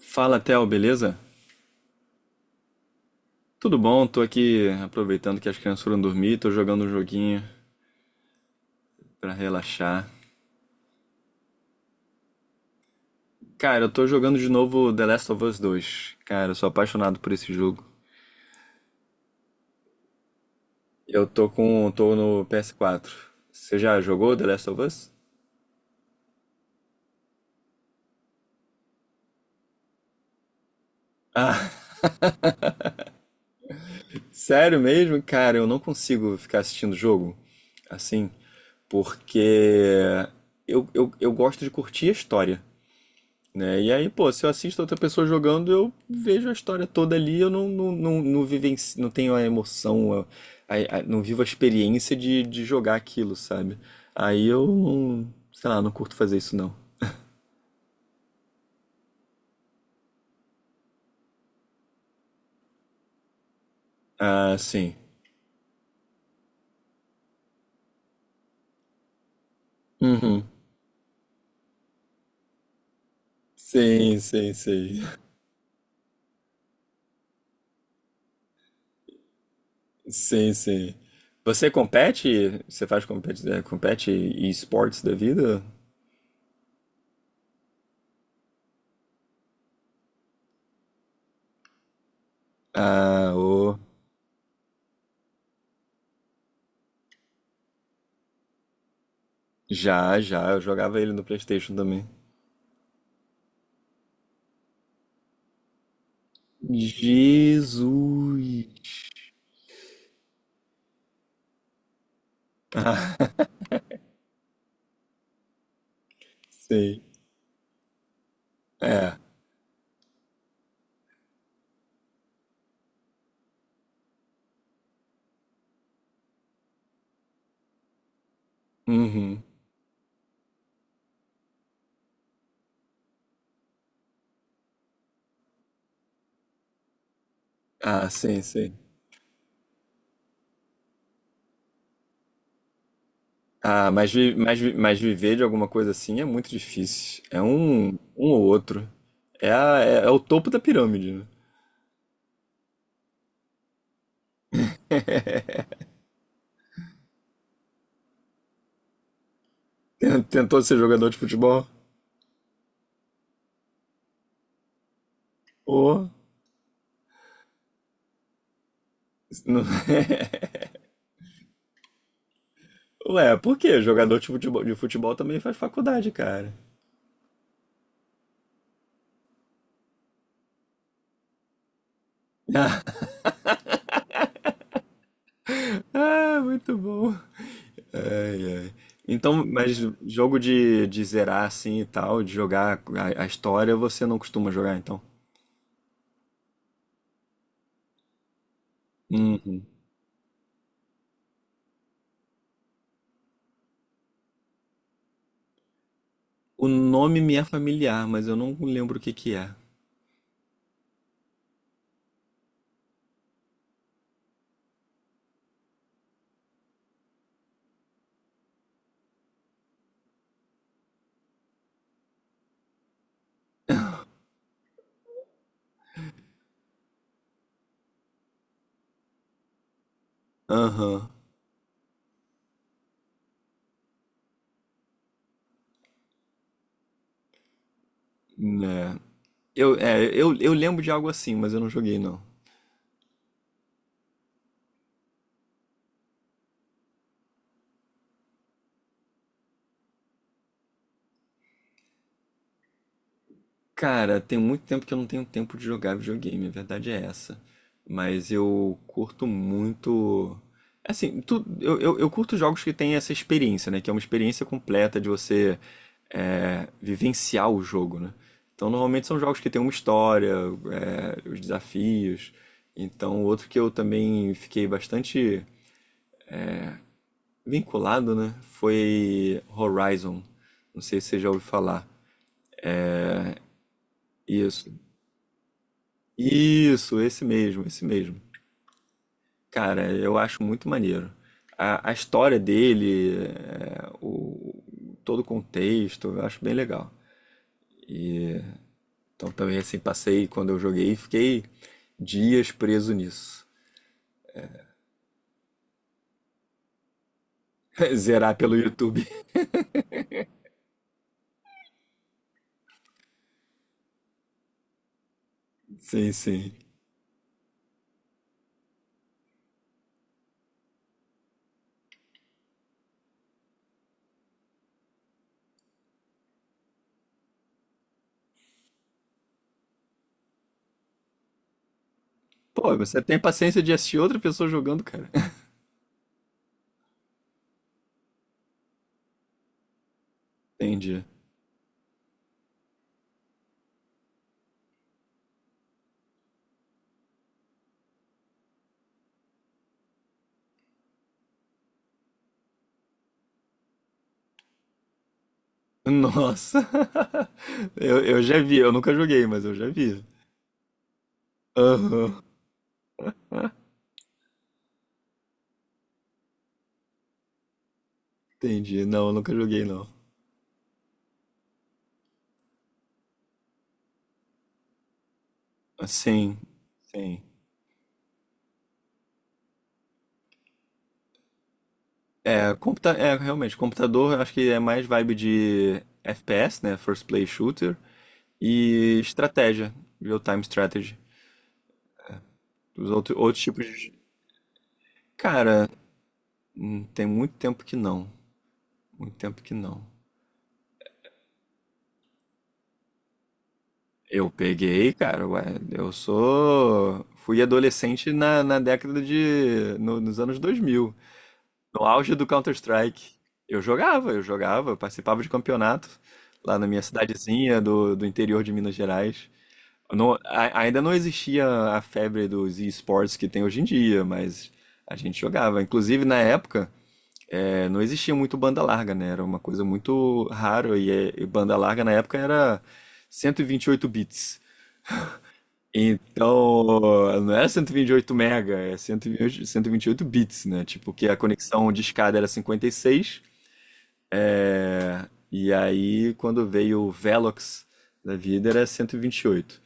Fala, Theo, beleza? Tudo bom? Tô aqui aproveitando que as crianças foram dormir, tô jogando um joguinho pra relaxar. Cara, eu tô jogando de novo The Last of Us 2. Cara, eu sou apaixonado por esse jogo. Tô no PS4. Você já jogou The Last of Us? Ah, sério mesmo? Cara, eu não consigo ficar assistindo jogo assim, porque eu gosto de curtir a história, né? E aí, pô, se eu assisto outra pessoa jogando, eu vejo a história toda ali, eu não, não, não, não, vivenci- não tenho a emoção, não vivo a experiência de jogar aquilo, sabe? Aí eu não, sei lá, não curto fazer isso não. Ah, sim. Uhum. Sim, sim, sim. Sim, sim. Você compete? Você faz compete, é, compete esportes da vida? Ah, ô. Já, já. Eu jogava ele no PlayStation também. Jesus. sei. É. Uhum. Ah, sim, sim. Ah, mas viver de alguma coisa assim é muito difícil. É um, um ou outro. É, é o topo da pirâmide, né? Tentou ser jogador de futebol? Ou. não- Ué, por quê? Jogador de futebol também faz faculdade, cara. Ah, muito bom. Ai, ai. Então, mas jogo de zerar assim e tal, de jogar a história, você não costuma jogar, então? Uhum. O nome me é familiar, mas eu não lembro o que que é. Aham, né. Eu lembro de algo assim, mas eu não joguei não. Cara, tem muito tempo que eu não tenho tempo de jogar videogame, a verdade é essa. Mas eu curto muito. Eu curto jogos que têm essa experiência, né? Que é uma experiência completa de você vivenciar o jogo, né? Então, normalmente são jogos que têm uma história, os desafios. Então, outro que eu também fiquei bastante vinculado, né? Foi Horizon. Não sei se você já ouviu falar. Isso. Isso, esse mesmo, esse mesmo. Cara, eu acho muito maneiro. A história dele, todo o contexto, eu acho bem legal. E então também assim, passei quando eu joguei, fiquei dias preso nisso. Zerar pelo YouTube. Sim, sim. Pô, você tem paciência de assistir outra pessoa jogando, cara. Entendi. Nossa! Eu já vi, eu nunca joguei, mas eu já vi. Aham. Entendi. Não, eu nunca joguei, não. Sim, sim. É, realmente, computador eu acho que é mais vibe de FPS, né? First Play Shooter. E estratégia, real-time strategy. Os outros, outros tipos de. Cara, tem muito tempo que não. Muito tempo que não. Eu peguei, cara, ué, eu sou. Fui adolescente na década de. Nos anos 2000. No auge do Counter-Strike, eu jogava, eu participava de campeonato lá na minha cidadezinha do interior de Minas Gerais. Ainda não existia a febre dos esportes que tem hoje em dia, mas a gente jogava. Inclusive, na época, não existia muito banda larga, né? Era uma coisa muito rara e banda larga na época era 128 bits. Então, não era 128 mega, é 128 bits, né? Tipo, que a conexão de escada era 56. É. E aí, quando veio o Velox da vida, era 128.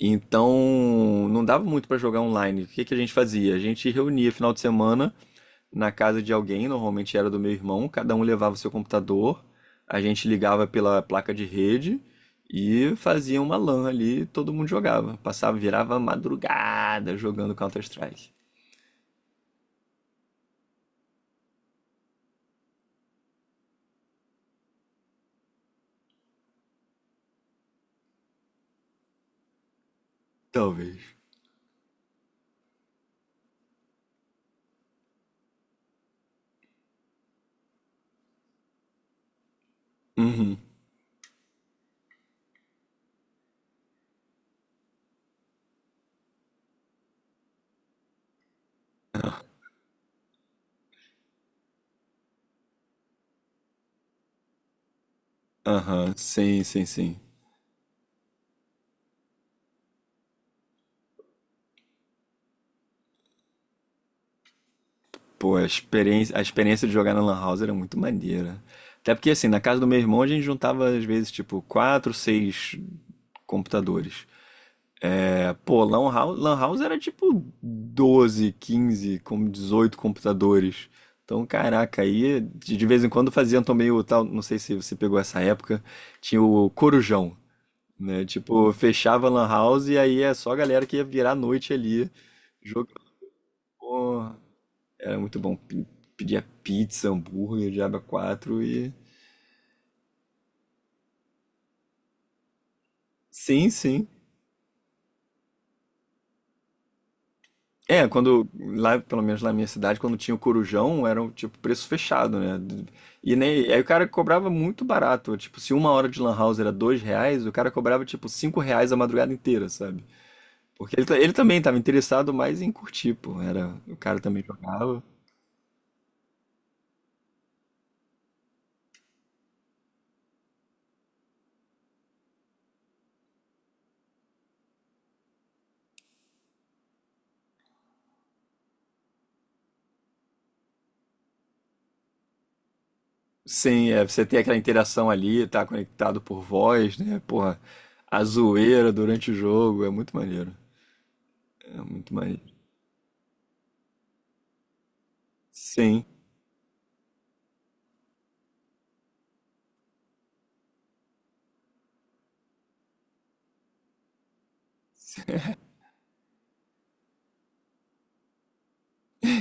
Então, não dava muito para jogar online. O que que a gente fazia? A gente reunia final de semana na casa de alguém, normalmente era do meu irmão, cada um levava o seu computador, a gente ligava pela placa de rede e fazia uma LAN ali, todo mundo jogava. Passava, virava madrugada jogando Counter-Strike. Talvez. Uhum. Aham, sim, sim, sim. Pô, a experiência de jogar na Lan House era muito maneira. Até porque, assim, na casa do meu irmão a gente juntava, às vezes, tipo, 4, 6 computadores. É, pô, Lan House, Lan House era tipo 12, 15, 18 computadores. Então, caraca, aí de vez em quando faziam também o tal, não sei se você pegou essa época, tinha o Corujão, né? Tipo, fechava a Lan House e aí é só a galera que ia virar a noite ali. Jogando. Era muito bom. Pedia pizza, hambúrguer, diaba 4 e. Sim, sim. É, quando. Lá, pelo menos lá na minha cidade, quando tinha o Corujão, era um tipo preço fechado, né? E nem, aí o cara cobrava muito barato. Tipo, se uma hora de lan house era R$ 2, o cara cobrava tipo R$ 5 a madrugada inteira, sabe? Porque ele também estava interessado mais em curtir, pô. Era, o cara também jogava. Sim, é, você tem aquela interação ali, tá conectado por voz, né? Porra, a zoeira durante o jogo, é muito maneiro. É muito mais. Sim.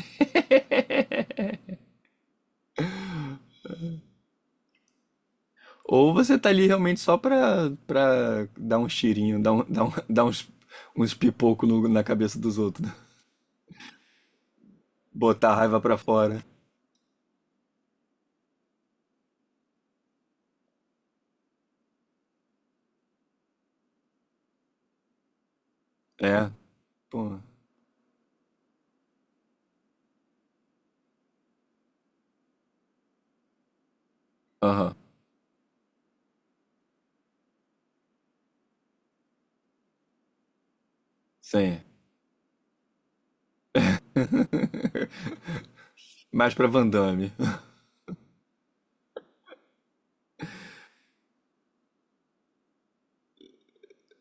Ou você tá ali realmente só pra dar um cheirinho, uns pipoco na cabeça dos outros, né? Botar a raiva pra fora. É, pô. Aham, sim. Mais pra Van Damme.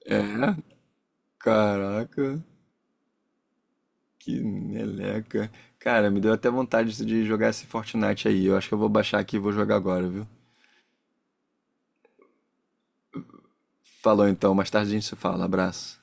É, caraca, que meleca. Cara, me deu até vontade de jogar esse Fortnite aí. Eu acho que eu vou baixar aqui e vou jogar agora, viu? Falou então, mais tarde a gente se fala. Abraço.